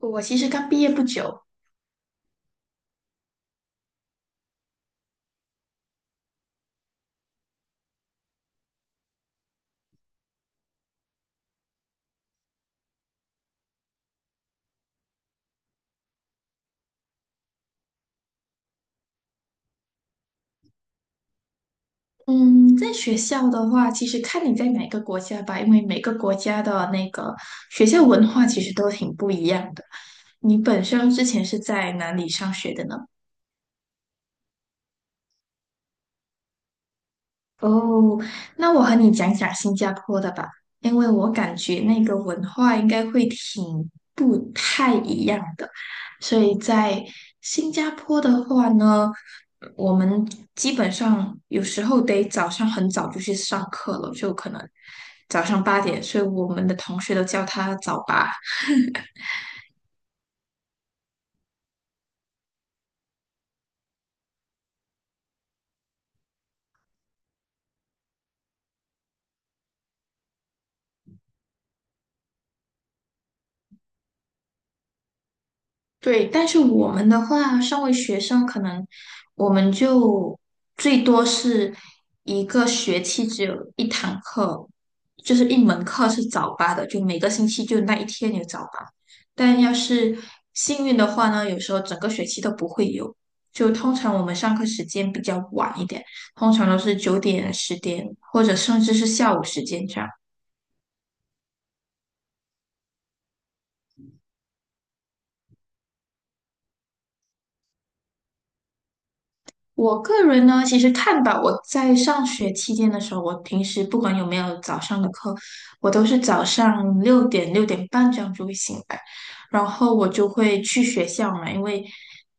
我其实刚毕业不久，嗯，在学校的话，其实看你在哪个国家吧，因为每个国家的那个学校文化其实都挺不一样的。你本身之前是在哪里上学的呢？哦，那我和你讲讲新加坡的吧，因为我感觉那个文化应该会挺不太一样的，所以在新加坡的话呢，我们基本上有时候得早上很早就去上课了，就可能早上8点，所以我们的同学都叫他早八。对，但是我们的话，身为学生，可能我们就最多是一个学期只有一堂课，就是一门课是早八的，就每个星期就那一天有早八。但要是幸运的话呢，有时候整个学期都不会有。就通常我们上课时间比较晚一点，通常都是9点、10点，或者甚至是下午时间这样。我个人呢，其实看吧，我在上学期间的时候，我平时不管有没有早上的课，我都是早上六点6点半这样就会醒来，然后我就会去学校嘛，因为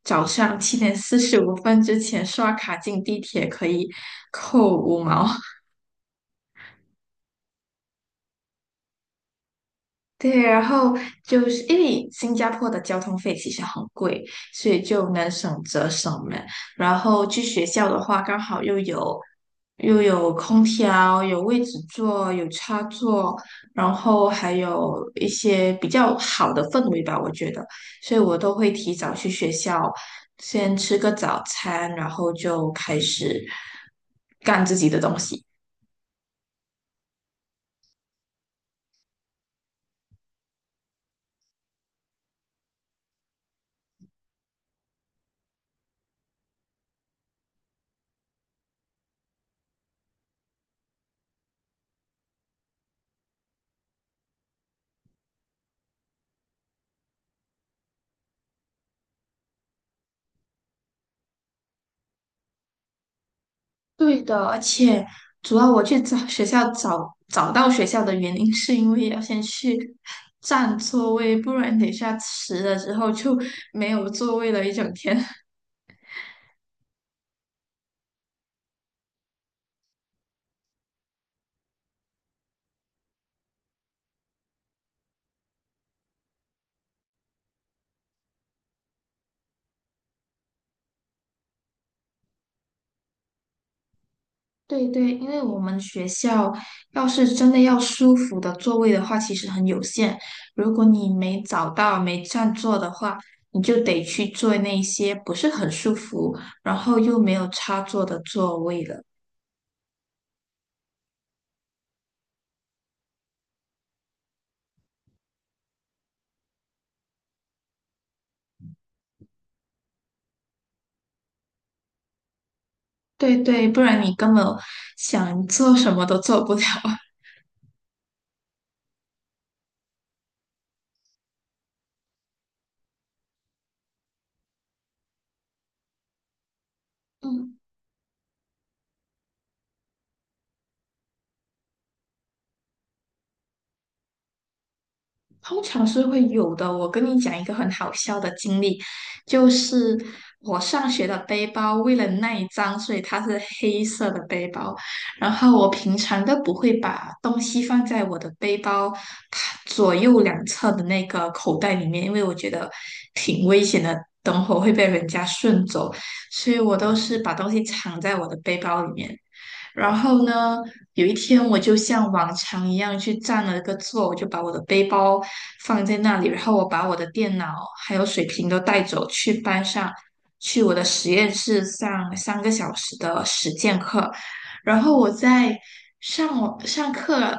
早上7点45分之前刷卡进地铁可以扣5毛，对，然后就是因为新加坡的交通费其实很贵，所以就能省则省嘛。然后去学校的话，刚好又有空调，有位置坐，有插座，然后还有一些比较好的氛围吧，我觉得。所以我都会提早去学校，先吃个早餐，然后就开始干自己的东西。对的，而且主要我去找到学校的原因，是因为要先去占座位，不然等一下迟了之后就没有座位了一整天。对对，因为我们学校要是真的要舒服的座位的话，其实很有限。如果你没找到、没占座的话，你就得去坐那些不是很舒服，然后又没有插座的座位了。对对，不然你根本想做什么都做不了。嗯，通常是会有的。我跟你讲一个很好笑的经历，就是我上学的背包，为了耐脏，所以它是黑色的背包。然后我平常都不会把东西放在我的背包左右两侧的那个口袋里面，因为我觉得挺危险的，等会儿会被人家顺走，所以我都是把东西藏在我的背包里面。然后呢，有一天我就像往常一样去占了个座，我就把我的背包放在那里，然后我把我的电脑还有水瓶都带走，去班上，去我的实验室上3个小时的实践课。然后我在上我上课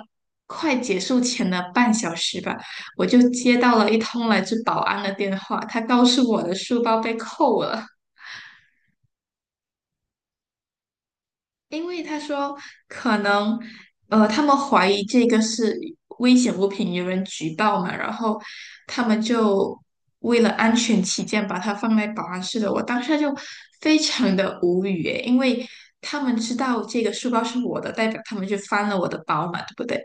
快结束前的半小时吧，我就接到了一通来自保安的电话，他告诉我的书包被扣了。因为他说可能，他们怀疑这个是危险物品，有人举报嘛，然后他们就为了安全起见，把它放在保安室的。我当下就非常的无语诶，因为他们知道这个书包是我的，代表他们就翻了我的包嘛，对不对？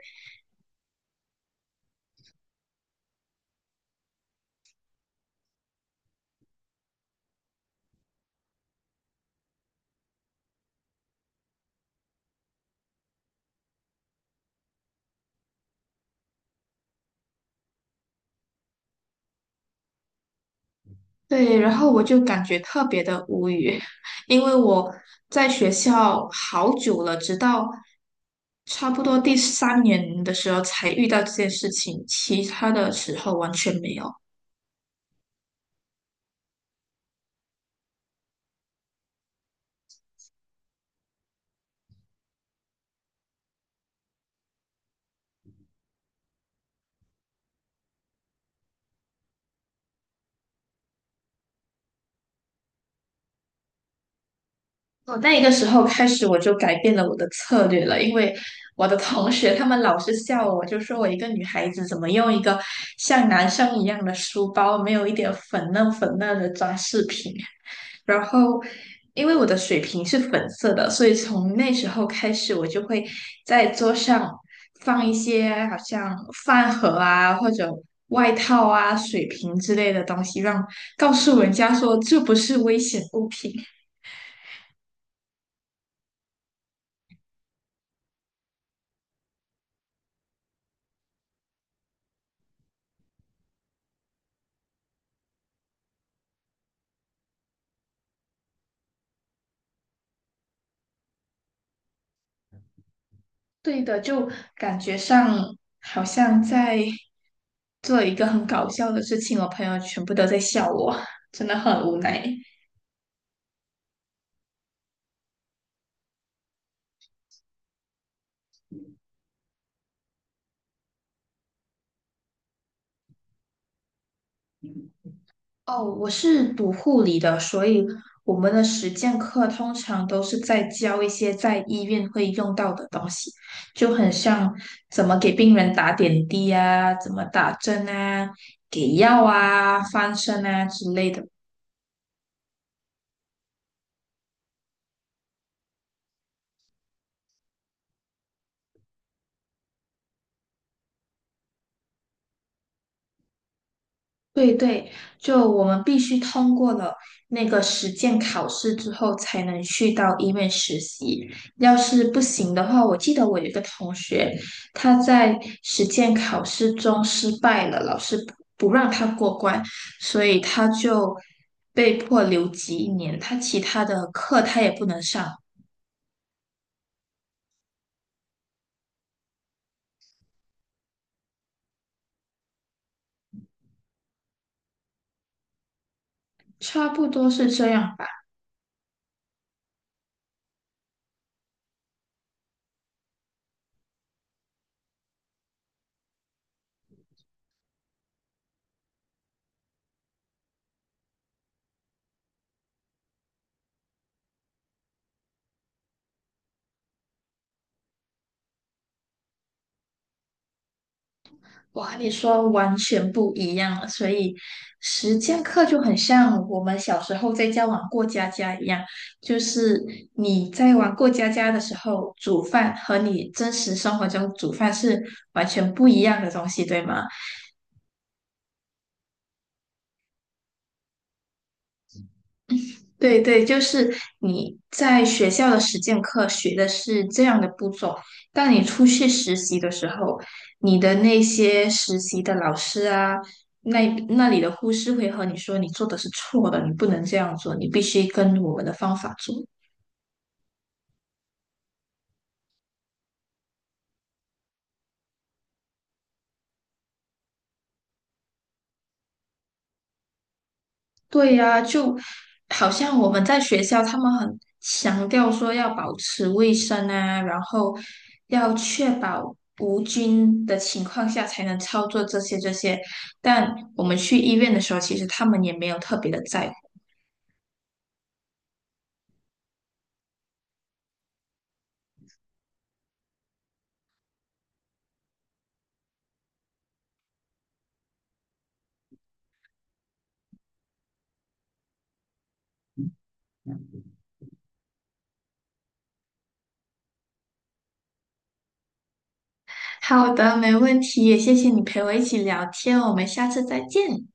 对，然后我就感觉特别的无语，因为我在学校好久了，直到差不多第三年的时候才遇到这件事情，其他的时候完全没有。我那一个时候开始，我就改变了我的策略了，因为我的同学他们老是笑我，就说我一个女孩子怎么用一个像男生一样的书包，没有一点粉嫩粉嫩的装饰品。然后，因为我的水瓶是粉色的，所以从那时候开始，我就会在桌上放一些好像饭盒啊，或者外套啊、水瓶之类的东西，让告诉人家说这不是危险物品。对的，就感觉上好像在做一个很搞笑的事情，我朋友全部都在笑我，真的很无奈。哦，我是读护理的，所以我们的实践课通常都是在教一些在医院会用到的东西，就很像怎么给病人打点滴啊，怎么打针啊，给药啊，翻身啊之类的。对对，就我们必须通过了那个实践考试之后，才能去到医院实习。要是不行的话，我记得我有一个同学，他在实践考试中失败了，老师不让他过关，所以他就被迫留级1年，他其他的课他也不能上，差不多是这样。哇，你说完全不一样了，所以实践课就很像我们小时候在家玩过家家一样，就是你在玩过家家的时候，煮饭和你真实生活中煮饭是完全不一样的东西，对吗？对对，就是你在学校的实践课学的是这样的步骤，但你出去实习的时候，你的那些实习的老师啊，那那里的护士会和你说你做的是错的，你不能这样做，你必须跟我们的方法做。对呀，就好像我们在学校，他们很强调说要保持卫生啊，然后要确保无菌的情况下才能操作这些。但我们去医院的时候，其实他们也没有特别的在乎。好的，没问题，也谢谢你陪我一起聊天，我们下次再见。